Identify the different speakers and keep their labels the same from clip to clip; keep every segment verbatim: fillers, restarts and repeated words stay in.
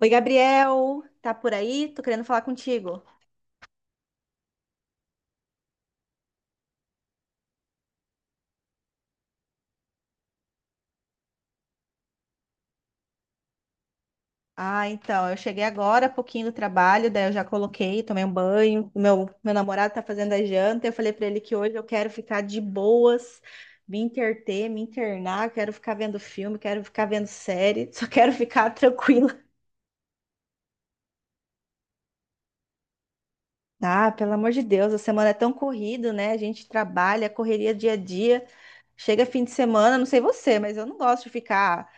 Speaker 1: Oi, Gabriel, tá por aí? Tô querendo falar contigo. Ah, então, eu cheguei agora, há pouquinho do trabalho, daí eu já coloquei, tomei um banho. o Meu, meu namorado tá fazendo a janta. Eu falei pra ele que hoje eu quero ficar de boas, me interter, me internar. Quero ficar vendo filme, quero ficar vendo série, só quero ficar tranquila. Ah, pelo amor de Deus, a semana é tão corrida, né? A gente trabalha, correria dia a dia. Chega fim de semana, não sei você, mas eu não gosto de ficar.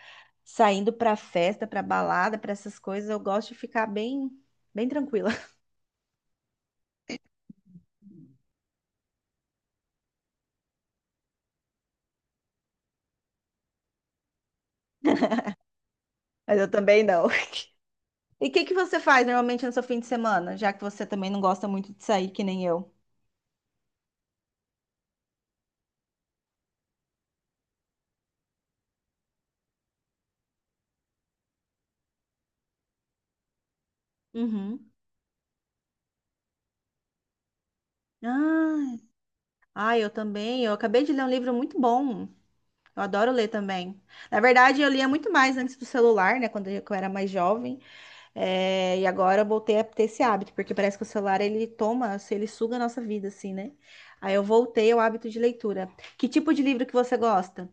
Speaker 1: Saindo para festa, para balada, para essas coisas, eu gosto de ficar bem, bem tranquila. Mas eu também não. E o que que você faz normalmente no seu fim de semana, já que você também não gosta muito de sair, que nem eu? Uhum. Ah, ah, eu também. Eu acabei de ler um livro muito bom. Eu adoro ler também. Na verdade, eu lia muito mais antes do celular, né? Quando eu eu era mais jovem. É, e agora eu voltei a ter esse hábito, porque parece que o celular ele toma, assim, ele suga a nossa vida, assim, né? Aí eu voltei ao hábito de leitura. Que tipo de livro que você gosta?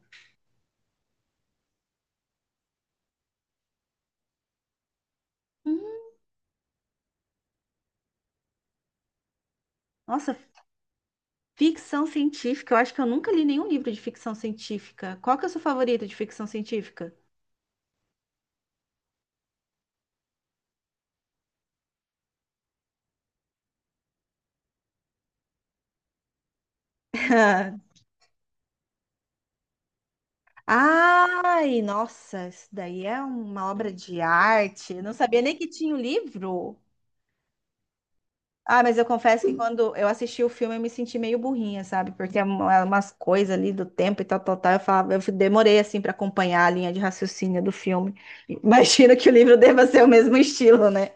Speaker 1: Hum. Nossa, ficção científica. Eu acho que eu nunca li nenhum livro de ficção científica. Qual que é o seu favorito de ficção científica? Ai, nossa, isso daí é uma obra de arte. Eu não sabia nem que tinha o livro. Ah, mas eu confesso que quando eu assisti o filme eu me senti meio burrinha, sabe? Porque é uma- umas coisas ali do tempo e tal, tal, tal. Eu falava, eu demorei assim para acompanhar a linha de raciocínio do filme. Imagino que o livro deva ser o mesmo estilo, né?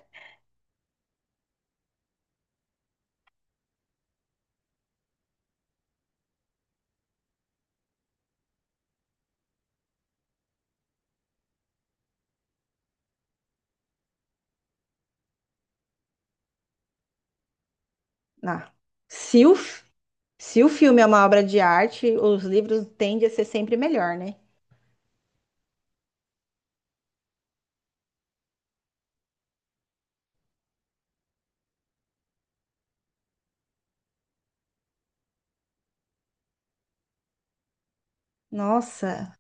Speaker 1: Ah. Se o Se o filme é uma obra de arte, os livros tendem a ser sempre melhor, né? Nossa,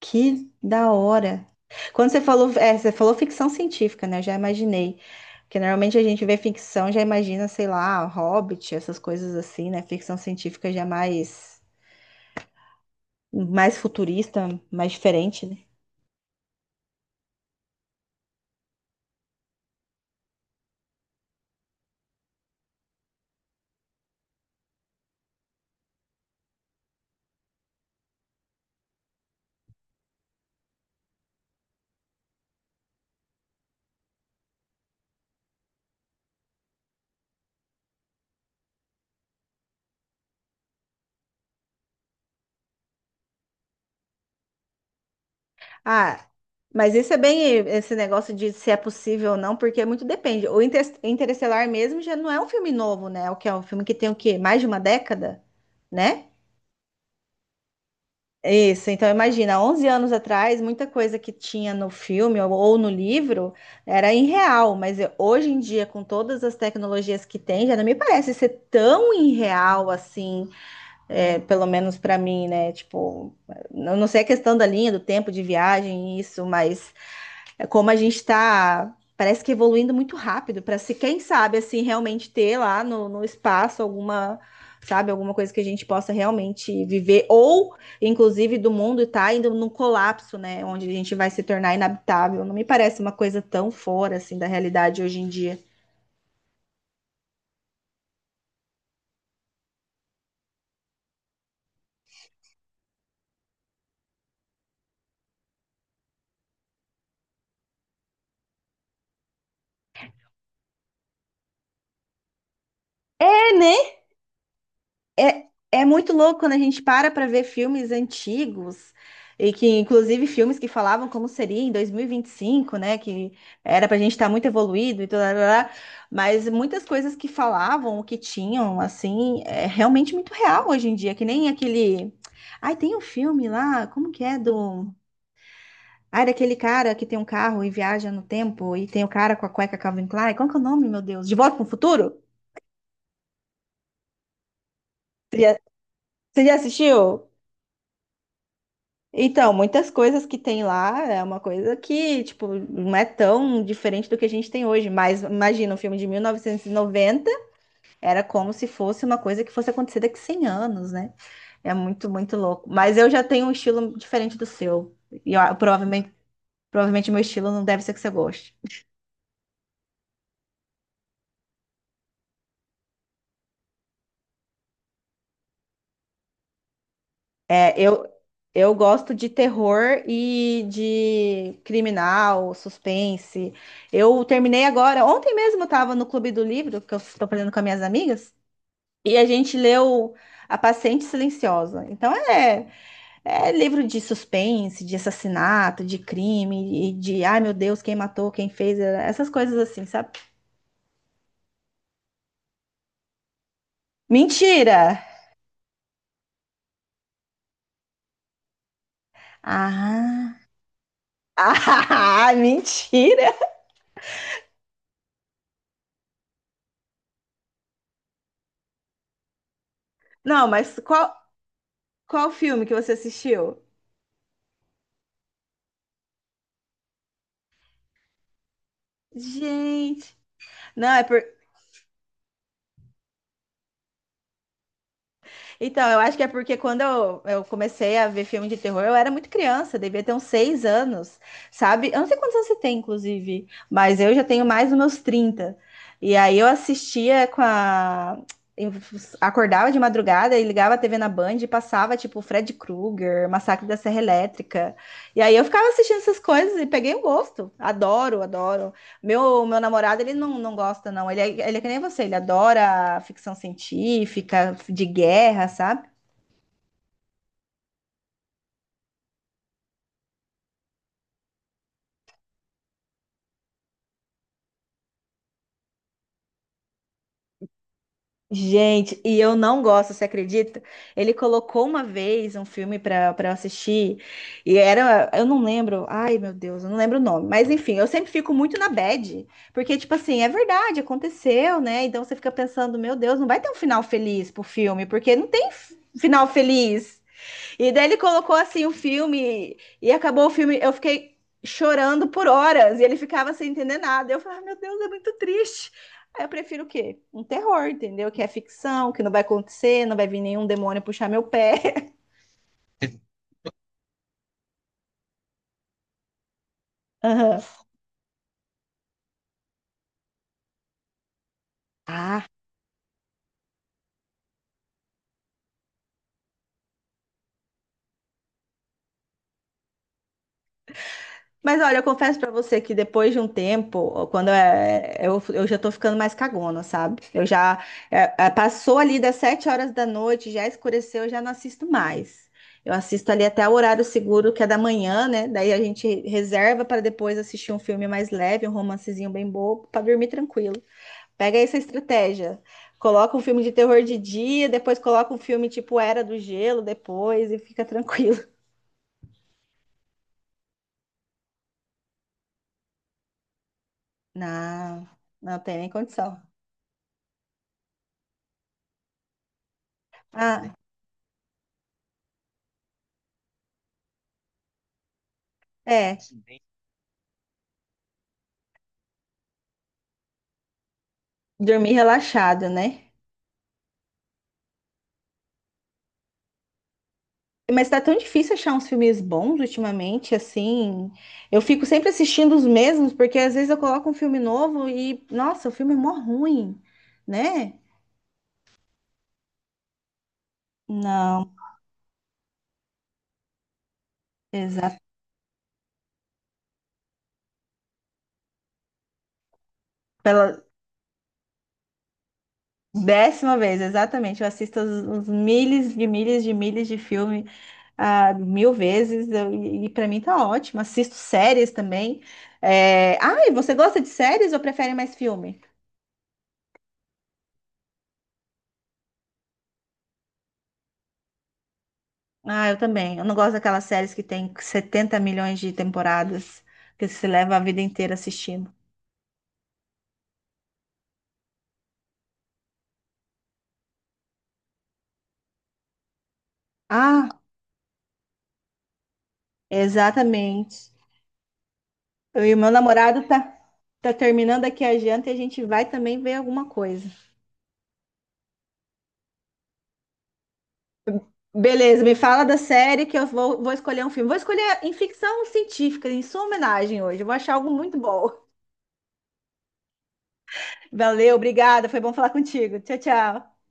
Speaker 1: que da hora. Quando você falou, é, você falou ficção científica, né? Eu já imaginei. Porque normalmente a gente vê ficção, já imagina, sei lá, Hobbit, essas coisas assim, né? Ficção científica já é mais, mais futurista, mais diferente, né? Ah, mas isso é bem esse negócio de se é possível ou não, porque muito depende. O Inter- Interestelar mesmo já não é um filme novo, né? O que é um filme que tem o quê? Mais de uma década, né? Isso, então imagina, onze anos atrás, muita coisa que tinha no filme ou ou no livro era irreal, mas eu- hoje em dia, com todas as tecnologias que tem, já não me parece ser tão irreal assim, é, pelo menos para mim, né? Tipo, eu não sei a questão da linha, do tempo de viagem, isso, mas é como a gente está, parece que evoluindo muito rápido para se, quem sabe, assim, realmente ter lá no, no espaço alguma, sabe, alguma coisa que a gente possa realmente viver, ou inclusive do mundo estar indo num colapso, né, onde a gente vai se tornar inabitável. Não me parece uma coisa tão fora assim da realidade hoje em dia. É, né? É, é muito louco quando a gente para para ver filmes antigos, e que inclusive filmes que falavam como seria em dois mil e e vinte e cinco, né? Que era para a gente estar muito evoluído e tudo, lá, lá, lá, mas muitas coisas que falavam, o que tinham, assim, é realmente muito real hoje em dia, que nem aquele. Ai, tem um filme lá, como que é do. Ai, daquele cara que tem um carro e viaja no tempo, e tem o cara com a cueca Calvin Klein. Qual que é o nome, meu Deus? De Volta para o Futuro? Você já assistiu? Então, muitas coisas que tem lá é uma coisa que, tipo, não é tão diferente do que a gente tem hoje. Mas imagina, um filme de mil novecentos e noventa era como se fosse uma coisa que fosse acontecer daqui cem anos, né? É muito, muito louco. Mas eu já tenho um estilo diferente do seu. E eu- provavelmente, provavelmente meu estilo não deve ser que você goste. É, eu, eu gosto de terror e de criminal, suspense. Eu terminei agora, ontem mesmo eu tava no Clube do Livro, que eu estou aprendendo com as minhas amigas. E a gente leu A Paciente Silenciosa. Então é, é livro de suspense, de assassinato, de crime, e de ai meu Deus, quem matou, quem fez, é, essas coisas assim, sabe? Mentira! Ah, ah, mentira! Não, mas qual, qual filme que você assistiu? Gente, não, é por. Então, eu acho que é porque quando eu, eu comecei a ver filme de terror, eu era muito criança, devia ter uns seis anos, sabe? Eu não sei quantos anos você tem, inclusive, mas eu já tenho mais dos meus trinta. E aí eu assistia com a. Eu acordava de madrugada e ligava a T V na Band e passava, tipo, Fred Krueger, Massacre da Serra Elétrica. E aí eu ficava assistindo essas coisas e peguei o gosto. Adoro, adoro. Meu, meu namorado, ele não, não gosta, não. Ele é, ele é que nem você, ele adora ficção científica, de guerra, sabe? Gente, e eu não gosto, você acredita? Ele colocou uma vez um filme pra, pra eu assistir, e era, eu não lembro, ai meu Deus, eu não lembro o nome, mas enfim, eu sempre fico muito na bad, porque, tipo assim, é verdade, aconteceu, né? Então você fica pensando, meu Deus, não vai ter um final feliz pro filme, porque não tem f- final feliz. E daí ele colocou assim o filme e acabou o filme. Eu fiquei chorando por horas e ele ficava sem entender nada. Eu falei, "Ah, meu Deus, é muito triste. Aí eu prefiro o quê? Um terror, entendeu? Que é ficção, que não vai acontecer, não vai vir nenhum demônio puxar meu pé. Aham. Ah, mas olha, eu confesso pra você que depois de um tempo, quando é, eu, eu já tô ficando mais cagona, sabe? Eu já é, é, passou ali das sete horas da noite, já escureceu, eu já não assisto mais. Eu assisto ali até o horário seguro, que é da manhã, né? Daí a gente reserva para depois assistir um filme mais leve, um romancezinho bem bobo, para dormir tranquilo. Pega essa estratégia. Coloca um filme de terror de dia, depois coloca um filme tipo Era do Gelo, depois e fica tranquilo. Não, não tem nem condição. Ah, é, dormir relaxada, né? Mas tá tão difícil achar uns filmes bons ultimamente, assim. Eu fico sempre assistindo os mesmos, porque às vezes eu coloco um filme novo e, nossa, o filme é mó ruim, né? Não, exato. Pela décima vez, exatamente. Eu assisto os, os milhas de milhas de milhas de filme ah, mil vezes, eu- e, e pra mim tá ótimo. Assisto séries também. É... Ah, e você gosta de séries ou prefere mais filme? Ah, eu também. Eu não gosto daquelas séries que tem setenta milhões de temporadas, que você leva a vida inteira assistindo. Ah, exatamente. Eu e o meu namorado tá, tá terminando aqui a janta e a gente vai também ver alguma coisa. Beleza, me fala da série que eu vou, vou escolher um filme. Vou escolher em ficção científica, em sua homenagem hoje. Eu vou achar algo muito bom. Valeu, obrigada. Foi bom falar contigo. Tchau, tchau.